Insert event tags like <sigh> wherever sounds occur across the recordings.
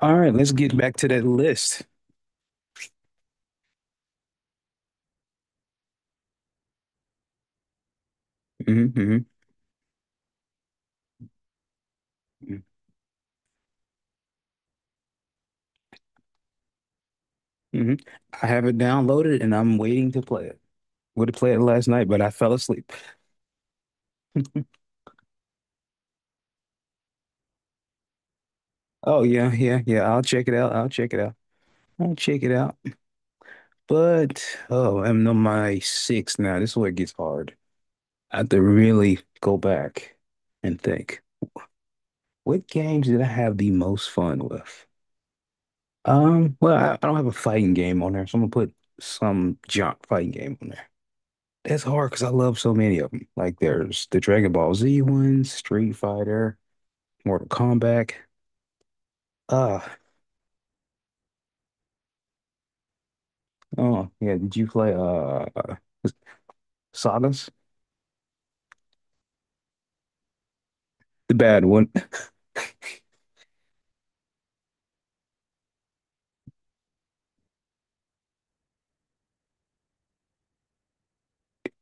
All right, let's get back to that list. Hmm. Hmm. I have it downloaded and I'm waiting to play it. Would have played it last night, but I fell asleep. <laughs> Oh yeah, yeah, yeah. I'll check it out. I'll check it out. I'll check it out. But oh, I'm on my six now. This is where it gets hard. I have to really go back and think. What games did I have the most fun with? Well, I don't have a fighting game on there, so I'm gonna put some junk fighting game on there. That's hard because I love so many of them. Like there's the Dragon Ball Z ones, Street Fighter, Mortal Kombat. Uh, oh yeah, did you play Sagas? The bad one. <laughs>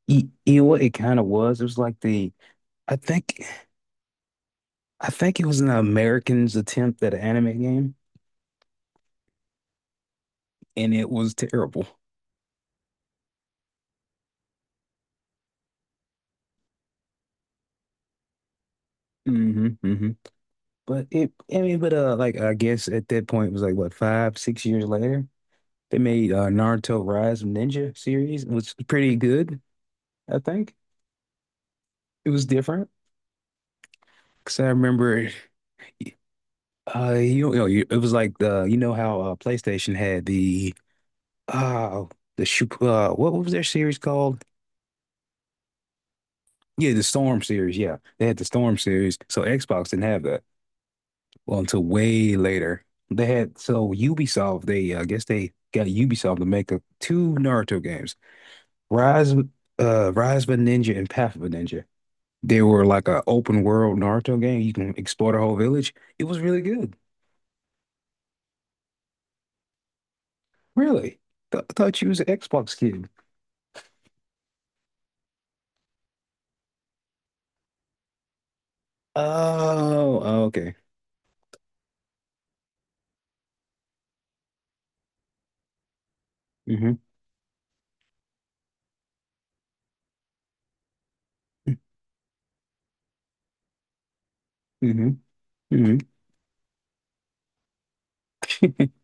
You know what it kind of was? It was like the I think I think it was an American's attempt at an anime game, and it was terrible. Hmm. Hmm. I mean, but like I guess at that point it was like what 5, 6 years later, they made Naruto Rise of Ninja series, which was pretty good. I think it was different because I remember, it was like the you know how PlayStation had uh the shoot what was their series called? Yeah, the Storm series. Yeah, they had the Storm series. So Xbox didn't have that well until way later. They had So Ubisoft. They I guess they got Ubisoft to make two Naruto games, Rise Rise of a Ninja and Path of a Ninja. They were like a open world Naruto game. You can explore the whole village. It was really good. Really? Th Thought you was an Xbox kid. Oh, oh, okay. Hmm. Hmm. Hmm. <laughs>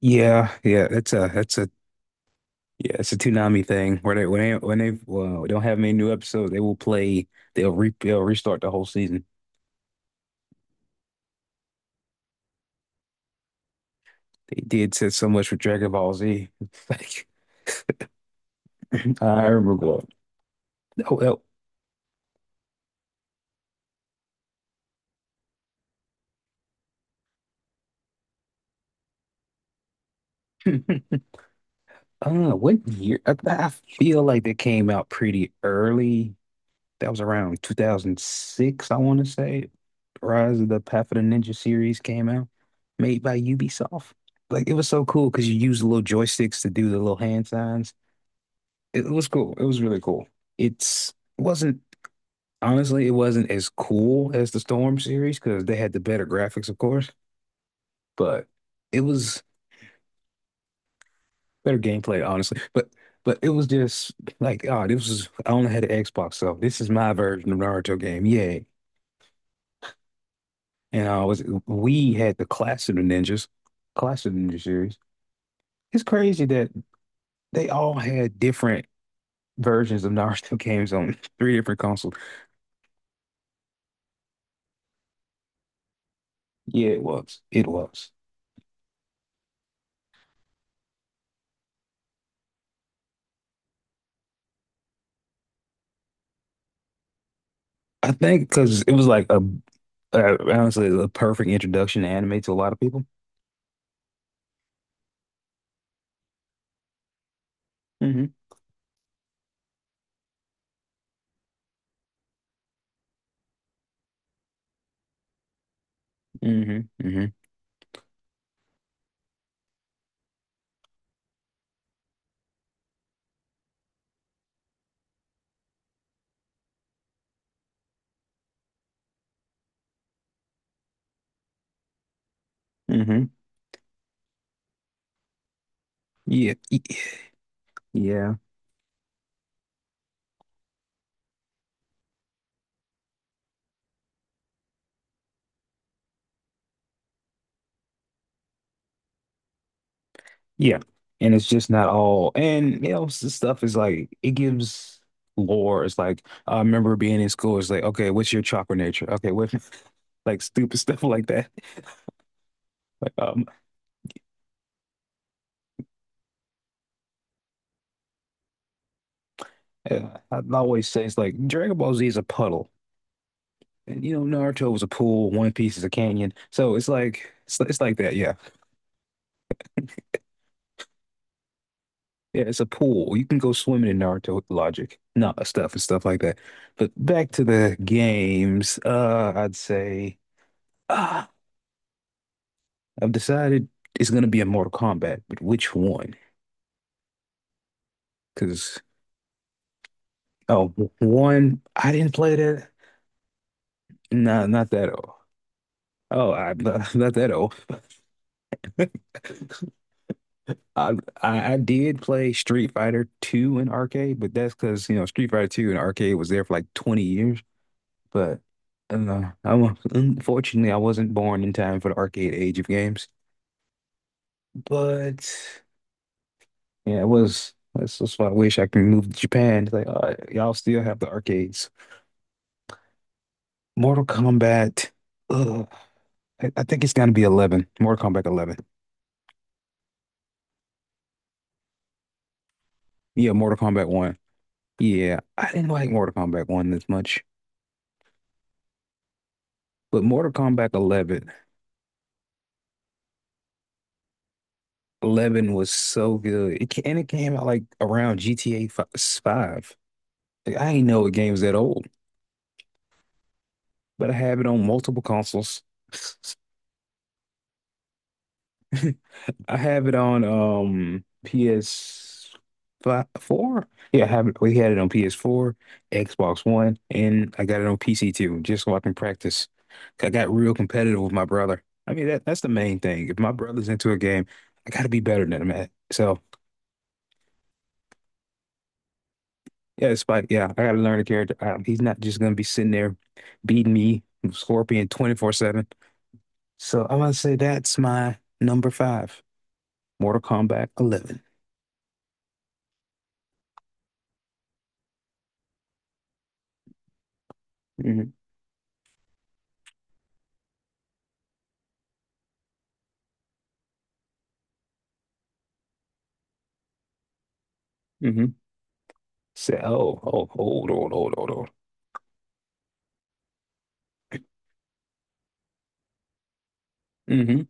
Yeah, yeah. That's a yeah. It's a Toonami thing where they when they when they well, don't have many new episodes, they will play. They'll restart the whole season. They did said so much with Dragon Ball Z. <laughs> It's like I remember going, oh, oh. <laughs> I don't know <laughs> what year. I feel like they came out pretty early. That was around 2006, I want to say. Rise of the Path of the Ninja series came out, made by Ubisoft. Like it was so cool because you use little joysticks to do the little hand signs. It was cool. It was really cool. It's it wasn't honestly, it wasn't as cool as the Storm series because they had the better graphics, of course, but it was better gameplay, honestly. But it was just like, oh, this was I only had an Xbox, so this is my version of Naruto game. Yeah, And I was we had the Clash of the Ninjas, Clash of the Ninja series. It's crazy that they all had different versions of Naruto games on <laughs> three different consoles. Yeah, it was. It was. I think because it was like honestly a perfect introduction to anime to a lot of people. Hmm. Hmm. Hmm. Hmm. Yeah. Yeah. Yeah. And it's just not all. And, stuff is like, it gives lore. It's like, I remember being in school. It's like, okay, what's your chakra nature? Okay, what, <laughs> like stupid stuff like that. <laughs> Um, yeah, I always say it's like Dragon Ball Z is a puddle. And, you know, Naruto was a pool, One Piece is a canyon. So it's like that. Yeah. Yeah. It's a pool. You can go swimming in Naruto logic, not stuff and stuff like that. But back to the games, I'd say. uh, I've decided it's gonna be a Mortal Kombat, but which one? Because oh, one I didn't play that. No, not that old. Oh, I <laughs> not that old. <laughs> I, I did play Street Fighter 2 in arcade, but that's because Street Fighter 2 in arcade was there for like 20 years. But I'm unfortunately, I wasn't born in time for the arcade age of games. But yeah, it was that's why I wish I could move to Japan. It's like, y'all still have the arcades. Mortal Kombat. Ugh, I think it's gonna be 11. Mortal Kombat 11. Yeah, Mortal Kombat 1. Yeah, I didn't like Mortal Kombat 1 this much, but Mortal Kombat 11. 11 was so good. And it came out like around GTA 5. Like, I didn't know a game was that old, but I have it on multiple consoles. <laughs> I have it on PS5, four. Yeah, I have it. We had it on PS4, Xbox One, and I got it on PC too, just so I can practice. 'Cause I got real competitive with my brother. I mean, that's the main thing. If my brother's into a game, I gotta be better than him at it. So yeah, it's like yeah, I gotta learn the character. He's not just gonna be sitting there beating me, Scorpion 24/7. So I'm gonna say that's my number five, Mortal Kombat 11. Hmm. Hmm. So, oh, oh, hold on, hold on, hold on. <laughs>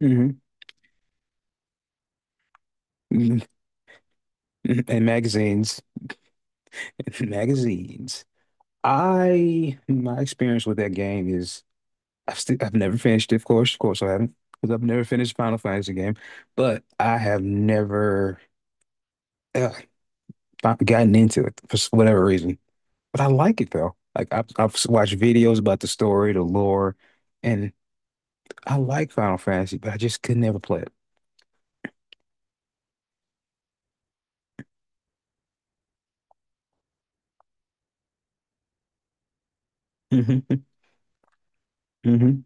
Hmm. Hmm. And magazines. <laughs> Magazines. I My experience with that game is I've never finished it, of course. Of course I haven't. Because I've never finished Final Fantasy game. But I have never uh, gotten into it for whatever reason. But I like it though. Like I've watched videos about the story, the lore, and I like Final Fantasy, but I just could never play it. Mhm. Hmm.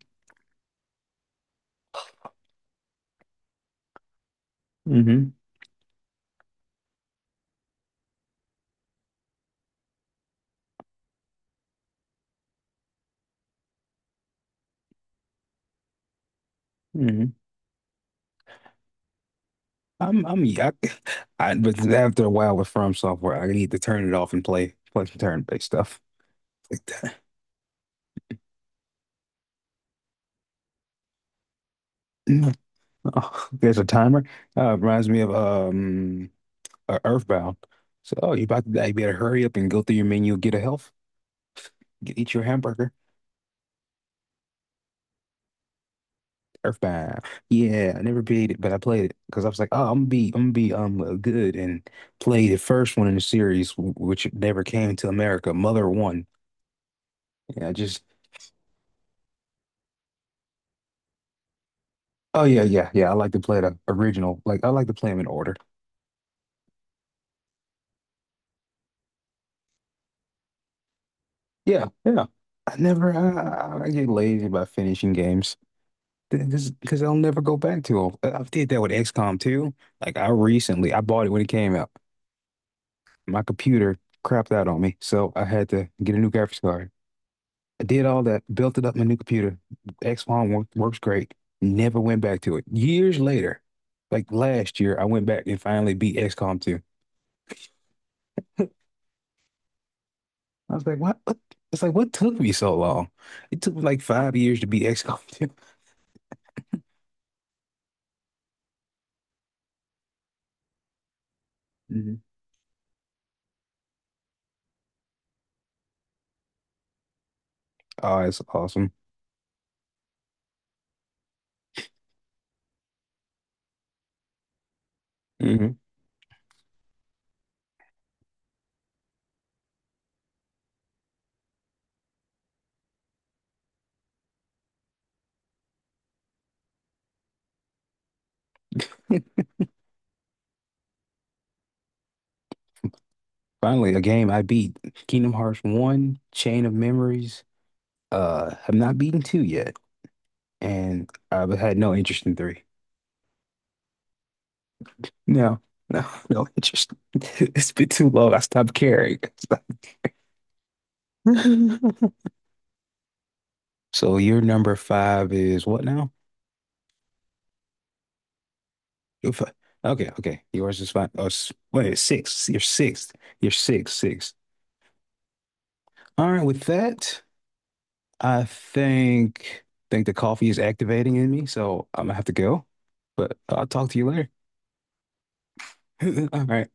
Hmm. Hmm. I'm yuck. But after a while with From Software, I need to turn it off and play some turn-based stuff like that. <laughs> No. Oh, there's a timer. Reminds me of Earthbound. So oh, you about to die. You better hurry up and go through your menu, get a health, eat your hamburger. Earthbound. Yeah, I never beat it, but I played it because I was like, oh, I'm gonna be good and play the first one in the series, which never came to America. Mother One. Yeah. I just Oh yeah, yeah, yeah. I like to play the original. Like I like to play them in order. Yeah, yeah. I never. I get lazy about finishing games. This because I'll never go back to them. I did that with XCOM too. Like I recently, I bought it when it came out. My computer crapped out on me, so I had to get a new graphics card. I did all that, built it up my new computer. XCOM works great. Never went back to it. Years later, like last year, I went back and finally beat XCOM 2. I was like, what, what? It's like, what took me so long? It took me like 5 years to beat XCOM 2. <laughs> Oh, it's awesome. Hmm. <laughs> Finally, a game I beat. Kingdom Hearts 1, Chain of Memories. Have not beaten 2 yet, and I've had no interest in 3. No, no, <laughs> no interest. <laughs> It's been too long. I stopped caring. <laughs> I So your number five is what now? Your fi- Okay, okay. Yours is five. Oh, wait, it's six. You're sixth. You're six, six. All right, with that, I think the coffee is activating in me, so I'm gonna have to go. But I'll talk to you later. <laughs> All right.